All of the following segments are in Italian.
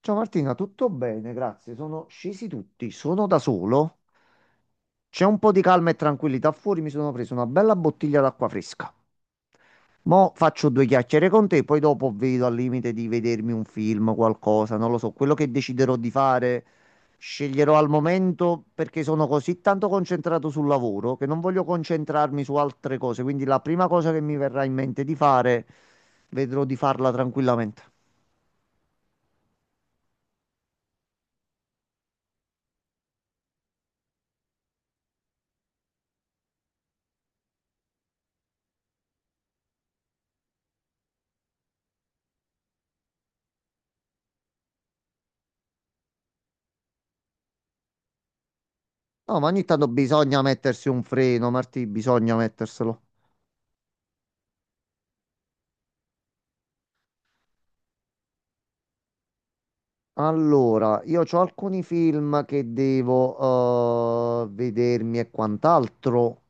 Ciao Martina, tutto bene, grazie. Sono scesi tutti, sono da solo. C'è un po' di calma e tranquillità fuori, mi sono preso una bella bottiglia d'acqua fresca. Mo' faccio due chiacchiere con te, poi dopo vedo al limite di vedermi un film, qualcosa, non lo so, quello che deciderò di fare, sceglierò al momento perché sono così tanto concentrato sul lavoro che non voglio concentrarmi su altre cose, quindi la prima cosa che mi verrà in mente di fare, vedrò di farla tranquillamente. No, ma ogni tanto bisogna mettersi un freno, Martì, bisogna metterselo. Allora, io ho alcuni film che devo vedermi e quant'altro.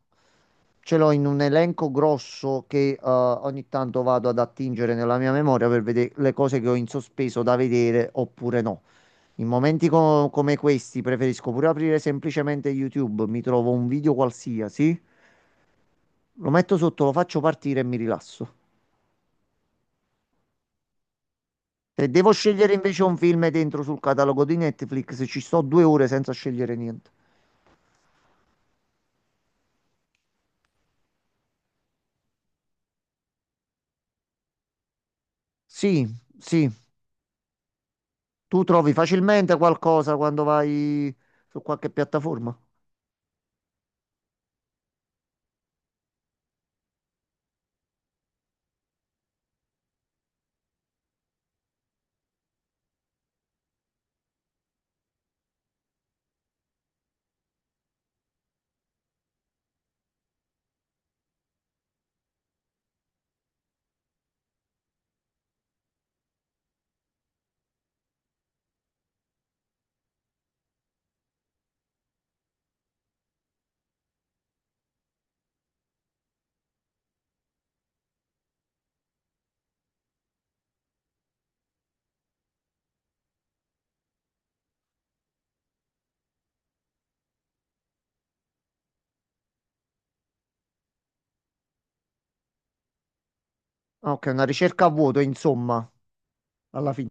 Ce l'ho in un elenco grosso che ogni tanto vado ad attingere nella mia memoria per vedere le cose che ho in sospeso da vedere oppure no. In momenti come questi preferisco pure aprire semplicemente YouTube, mi trovo un video qualsiasi, lo metto sotto, lo faccio partire e mi rilasso. Se devo scegliere invece un film dentro sul catalogo di Netflix, ci sto 2 ore senza scegliere niente. Sì, sì, tu trovi facilmente qualcosa quando vai su qualche piattaforma. Ah, ok, una ricerca a vuoto, insomma, alla fine.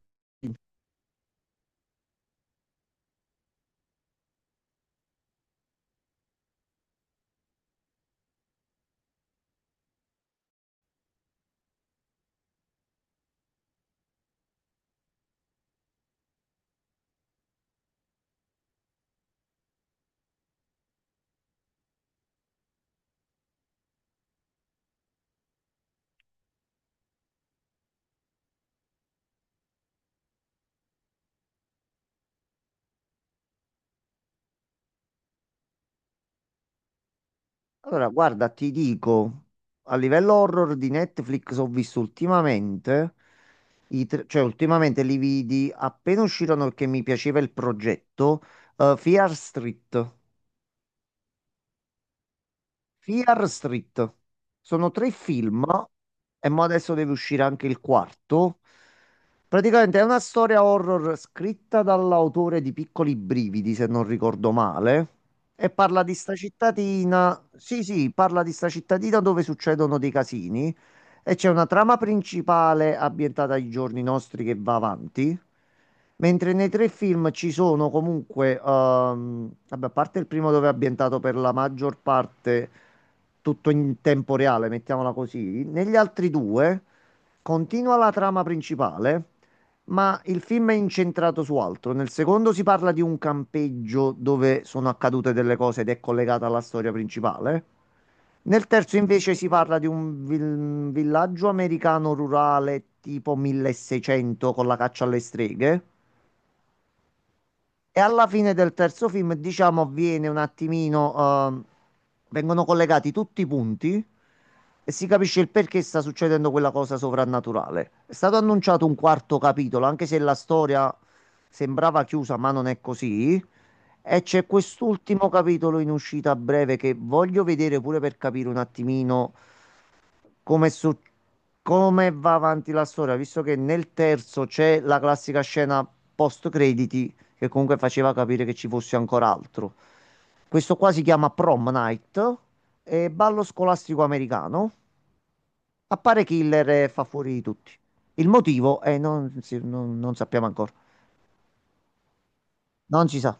Allora, guarda, ti dico, a livello horror di Netflix ho visto ultimamente, cioè ultimamente li vidi appena uscirono perché mi piaceva il progetto, Fear Street. Fear Street. Sono tre film e mo adesso deve uscire anche il quarto. Praticamente è una storia horror scritta dall'autore di Piccoli Brividi, se non ricordo male, e parla di sta cittadina. Sì, sì, parla di sta cittadina dove succedono dei casini e c'è una trama principale ambientata ai giorni nostri che va avanti. Mentre nei tre film ci sono comunque, vabbè, a parte il primo dove è ambientato per la maggior parte tutto in tempo reale, mettiamola così, negli altri due continua la trama principale, ma il film è incentrato su altro. Nel secondo si parla di un campeggio dove sono accadute delle cose ed è collegata alla storia principale. Nel terzo invece si parla di un villaggio americano rurale tipo 1600 con la caccia alle streghe. E alla fine del terzo film, diciamo, avviene un attimino, ehm, vengono collegati tutti i punti e si capisce il perché sta succedendo quella cosa sovrannaturale. È stato annunciato un quarto capitolo, anche se la storia sembrava chiusa, ma non è così. E c'è quest'ultimo capitolo in uscita a breve che voglio vedere pure per capire un attimino come, come va avanti la storia, visto che nel terzo c'è la classica scena post crediti che comunque faceva capire che ci fosse ancora altro. Questo qua si chiama Prom Night, è ballo scolastico americano. Appare Killer e fa fuori di tutti. Il motivo è non non sappiamo ancora. Non si sa.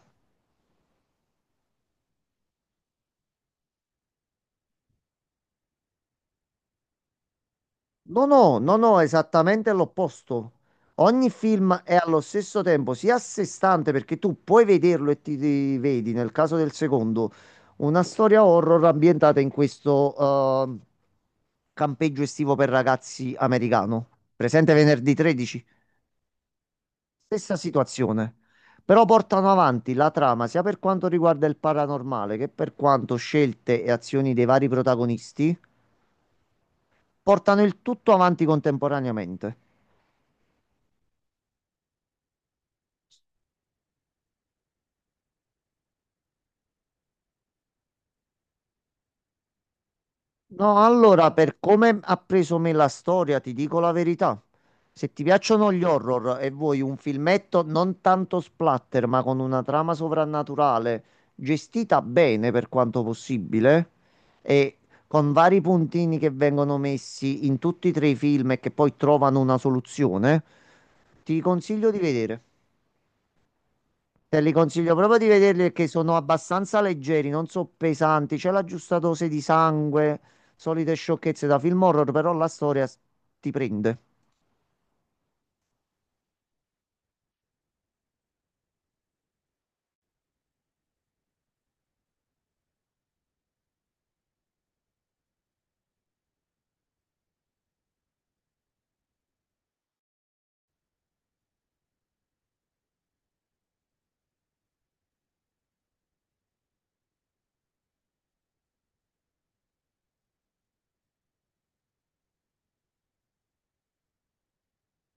No, no, no, no, esattamente l'opposto. Ogni film è allo stesso tempo sia a sé stante perché tu puoi vederlo e ti vedi, nel caso del secondo, una storia horror ambientata in questo eh, campeggio estivo per ragazzi americano. Presente venerdì 13? Stessa situazione. Però portano avanti la trama sia per quanto riguarda il paranormale che per quanto scelte e azioni dei vari protagonisti, portano il tutto avanti contemporaneamente. No, allora, per come ha preso me la storia, ti dico la verità. Se ti piacciono gli horror e vuoi un filmetto non tanto splatter, ma con una trama sovrannaturale gestita bene per quanto possibile e con vari puntini che vengono messi in tutti e tre i film e che poi trovano una soluzione, ti consiglio di vedere. Te li consiglio proprio di vederli perché sono abbastanza leggeri, non so pesanti, c'è la giusta dose di sangue, solite sciocchezze da film horror, però la storia ti prende.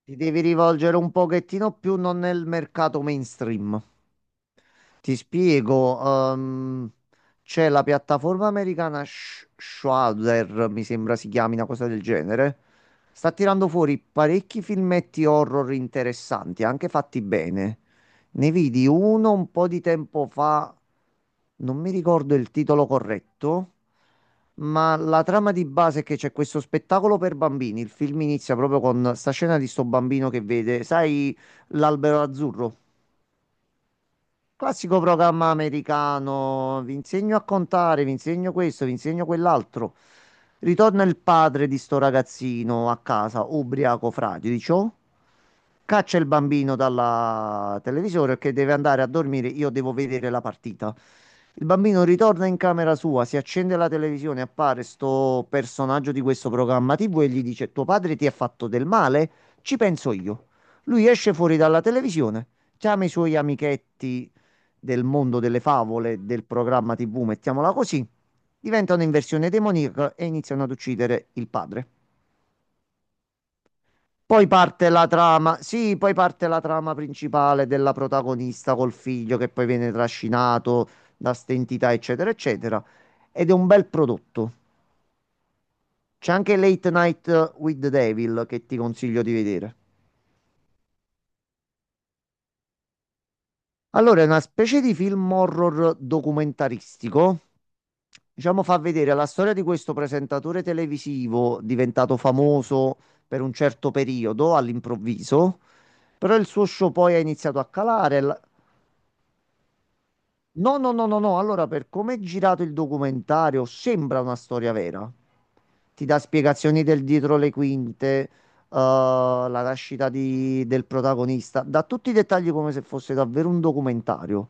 Ti devi rivolgere un pochettino più non nel mercato mainstream. Ti spiego, ehm, c'è la piattaforma americana Shudder, mi sembra si chiami, una cosa del genere. Sta tirando fuori parecchi filmetti horror interessanti, anche fatti bene. Ne vidi uno un po' di tempo fa, non mi ricordo il titolo corretto, ma la trama di base è che c'è questo spettacolo per bambini. Il film inizia proprio con sta scena di sto bambino che vede, sai, l'albero azzurro? Classico programma americano, vi insegno a contare, vi insegno questo, vi insegno quell'altro. Ritorna il padre di sto ragazzino a casa, ubriaco fradicio, caccia il bambino dalla televisione che deve andare a dormire, io devo vedere la partita. Il bambino ritorna in camera sua, si accende la televisione, appare sto personaggio di questo programma TV e gli dice: tuo padre ti ha fatto del male? Ci penso io. Lui esce fuori dalla televisione, chiama i suoi amichetti del mondo delle favole, del programma TV, mettiamola così, diventano in versione demoniaca e iniziano ad uccidere il padre. Poi parte la trama, sì, poi parte la trama principale della protagonista col figlio che poi viene trascinato da ste entità, eccetera, eccetera. Ed è un bel prodotto. C'è anche Late Night with the Devil che ti consiglio di vedere. Allora, è una specie di film horror documentaristico. Diciamo, fa vedere la storia di questo presentatore televisivo diventato famoso per un certo periodo all'improvviso, però il suo show poi ha iniziato a calare. No, no, no, no, no. Allora, per come è girato il documentario, sembra una storia vera. Ti dà spiegazioni del dietro le quinte, eh, la nascita del protagonista, dà tutti i dettagli come se fosse davvero un documentario.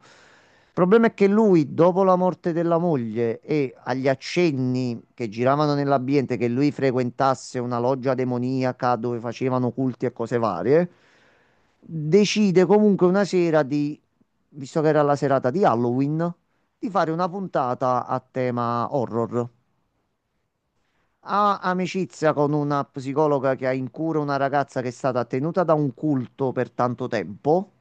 Il problema è che lui, dopo la morte della moglie e agli accenni che giravano nell'ambiente che lui frequentasse una loggia demoniaca dove facevano culti e cose varie, decide comunque una sera di, visto che era la serata di Halloween, di fare una puntata a tema horror. Ha amicizia con una psicologa che ha in cura una ragazza che è stata tenuta da un culto per tanto tempo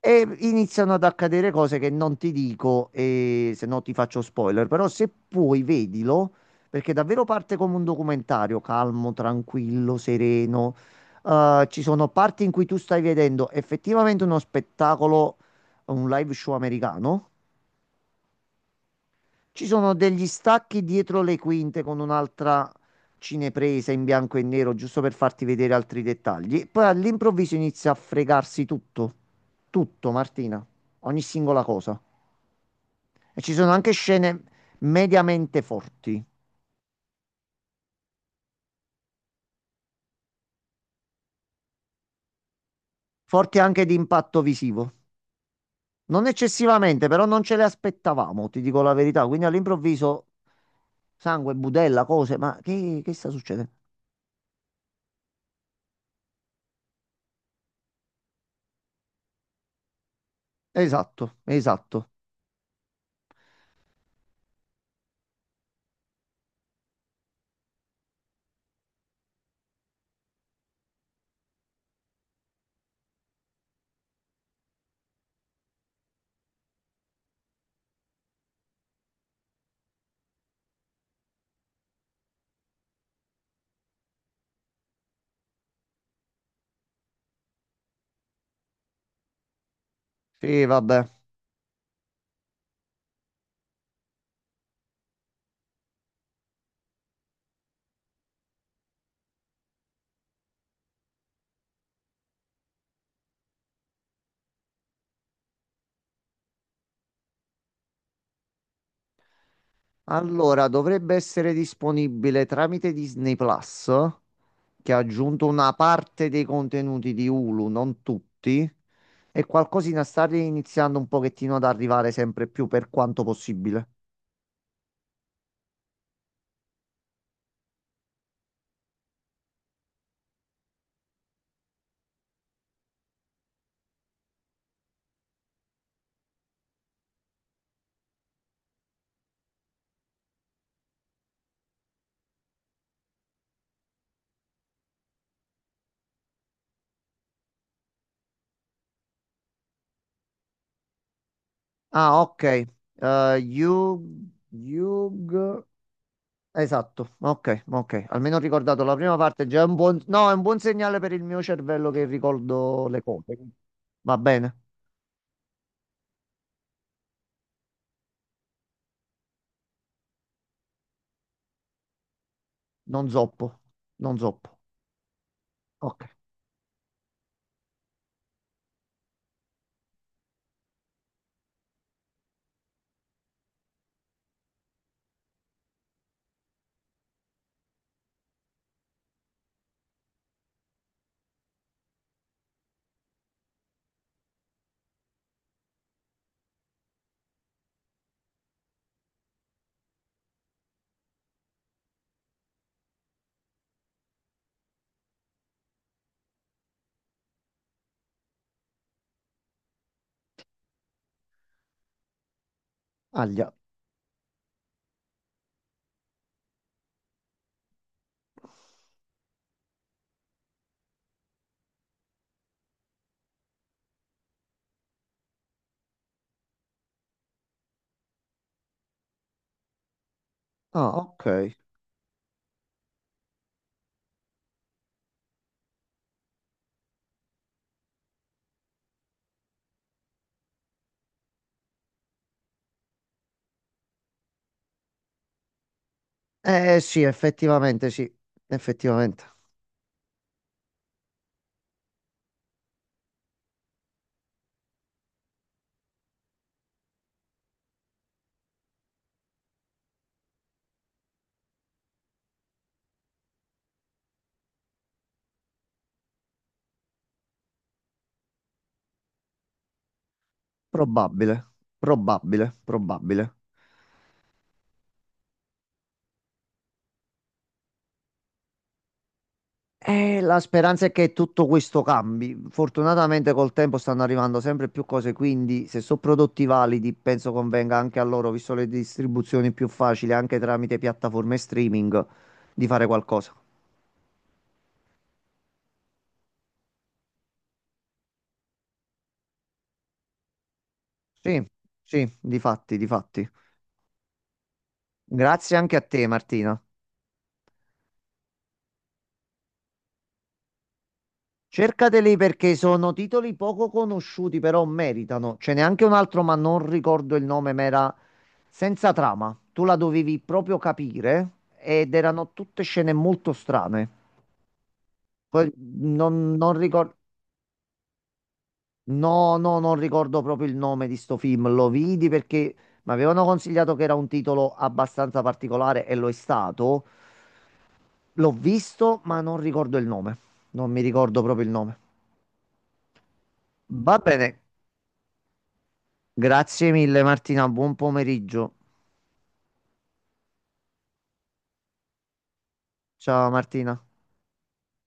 e iniziano ad accadere cose che non ti dico e se no ti faccio spoiler, però se puoi vedilo perché davvero parte come un documentario, calmo, tranquillo, sereno. Ci sono parti in cui tu stai vedendo effettivamente uno spettacolo, un live show americano. Ci sono degli stacchi dietro le quinte con un'altra cinepresa in bianco e nero, giusto per farti vedere altri dettagli. Poi all'improvviso inizia a fregarsi tutto, tutto, Martina, ogni singola cosa. E ci sono anche scene mediamente forti, forti anche di impatto visivo. Non eccessivamente, però non ce le aspettavamo, ti dico la verità. Quindi all'improvviso sangue, budella, cose, ma che sta succedendo? Esatto, esatto. Sì, vabbè. Allora, dovrebbe essere disponibile tramite Disney Plus, che ha aggiunto una parte dei contenuti di Hulu, non tutti, e qualcosina sta iniziando un pochettino ad arrivare sempre più per quanto possibile. Ah, ok. Yug- Esatto, ok, ok. Almeno ho ricordato la prima parte, già No, è un buon segnale per il mio cervello che ricordo le cose. Va bene, non zoppo, non zoppo. Ok, aglia. Ah, ok. Eh sì, effettivamente sì, effettivamente. Probabile, probabile, probabile. E la speranza è che tutto questo cambi. Fortunatamente col tempo stanno arrivando sempre più cose, quindi se sono prodotti validi, penso convenga anche a loro, visto le distribuzioni più facili, anche tramite piattaforme streaming, di fare qualcosa. Sì, sì, di fatti, di fatti. Grazie anche a te, Martina. Cercateli perché sono titoli poco conosciuti, però meritano. Ce n'è anche un altro, ma non ricordo il nome, ma era senza trama. Tu la dovevi proprio capire ed erano tutte scene molto strane. Poi non ricordo, no, no, non ricordo proprio il nome di sto film. Lo vidi perché mi avevano consigliato che era un titolo abbastanza particolare e lo è stato. L'ho visto, ma non ricordo il nome. Non mi ricordo proprio il nome. Va bene. Grazie mille Martina, buon pomeriggio. Ciao Martina.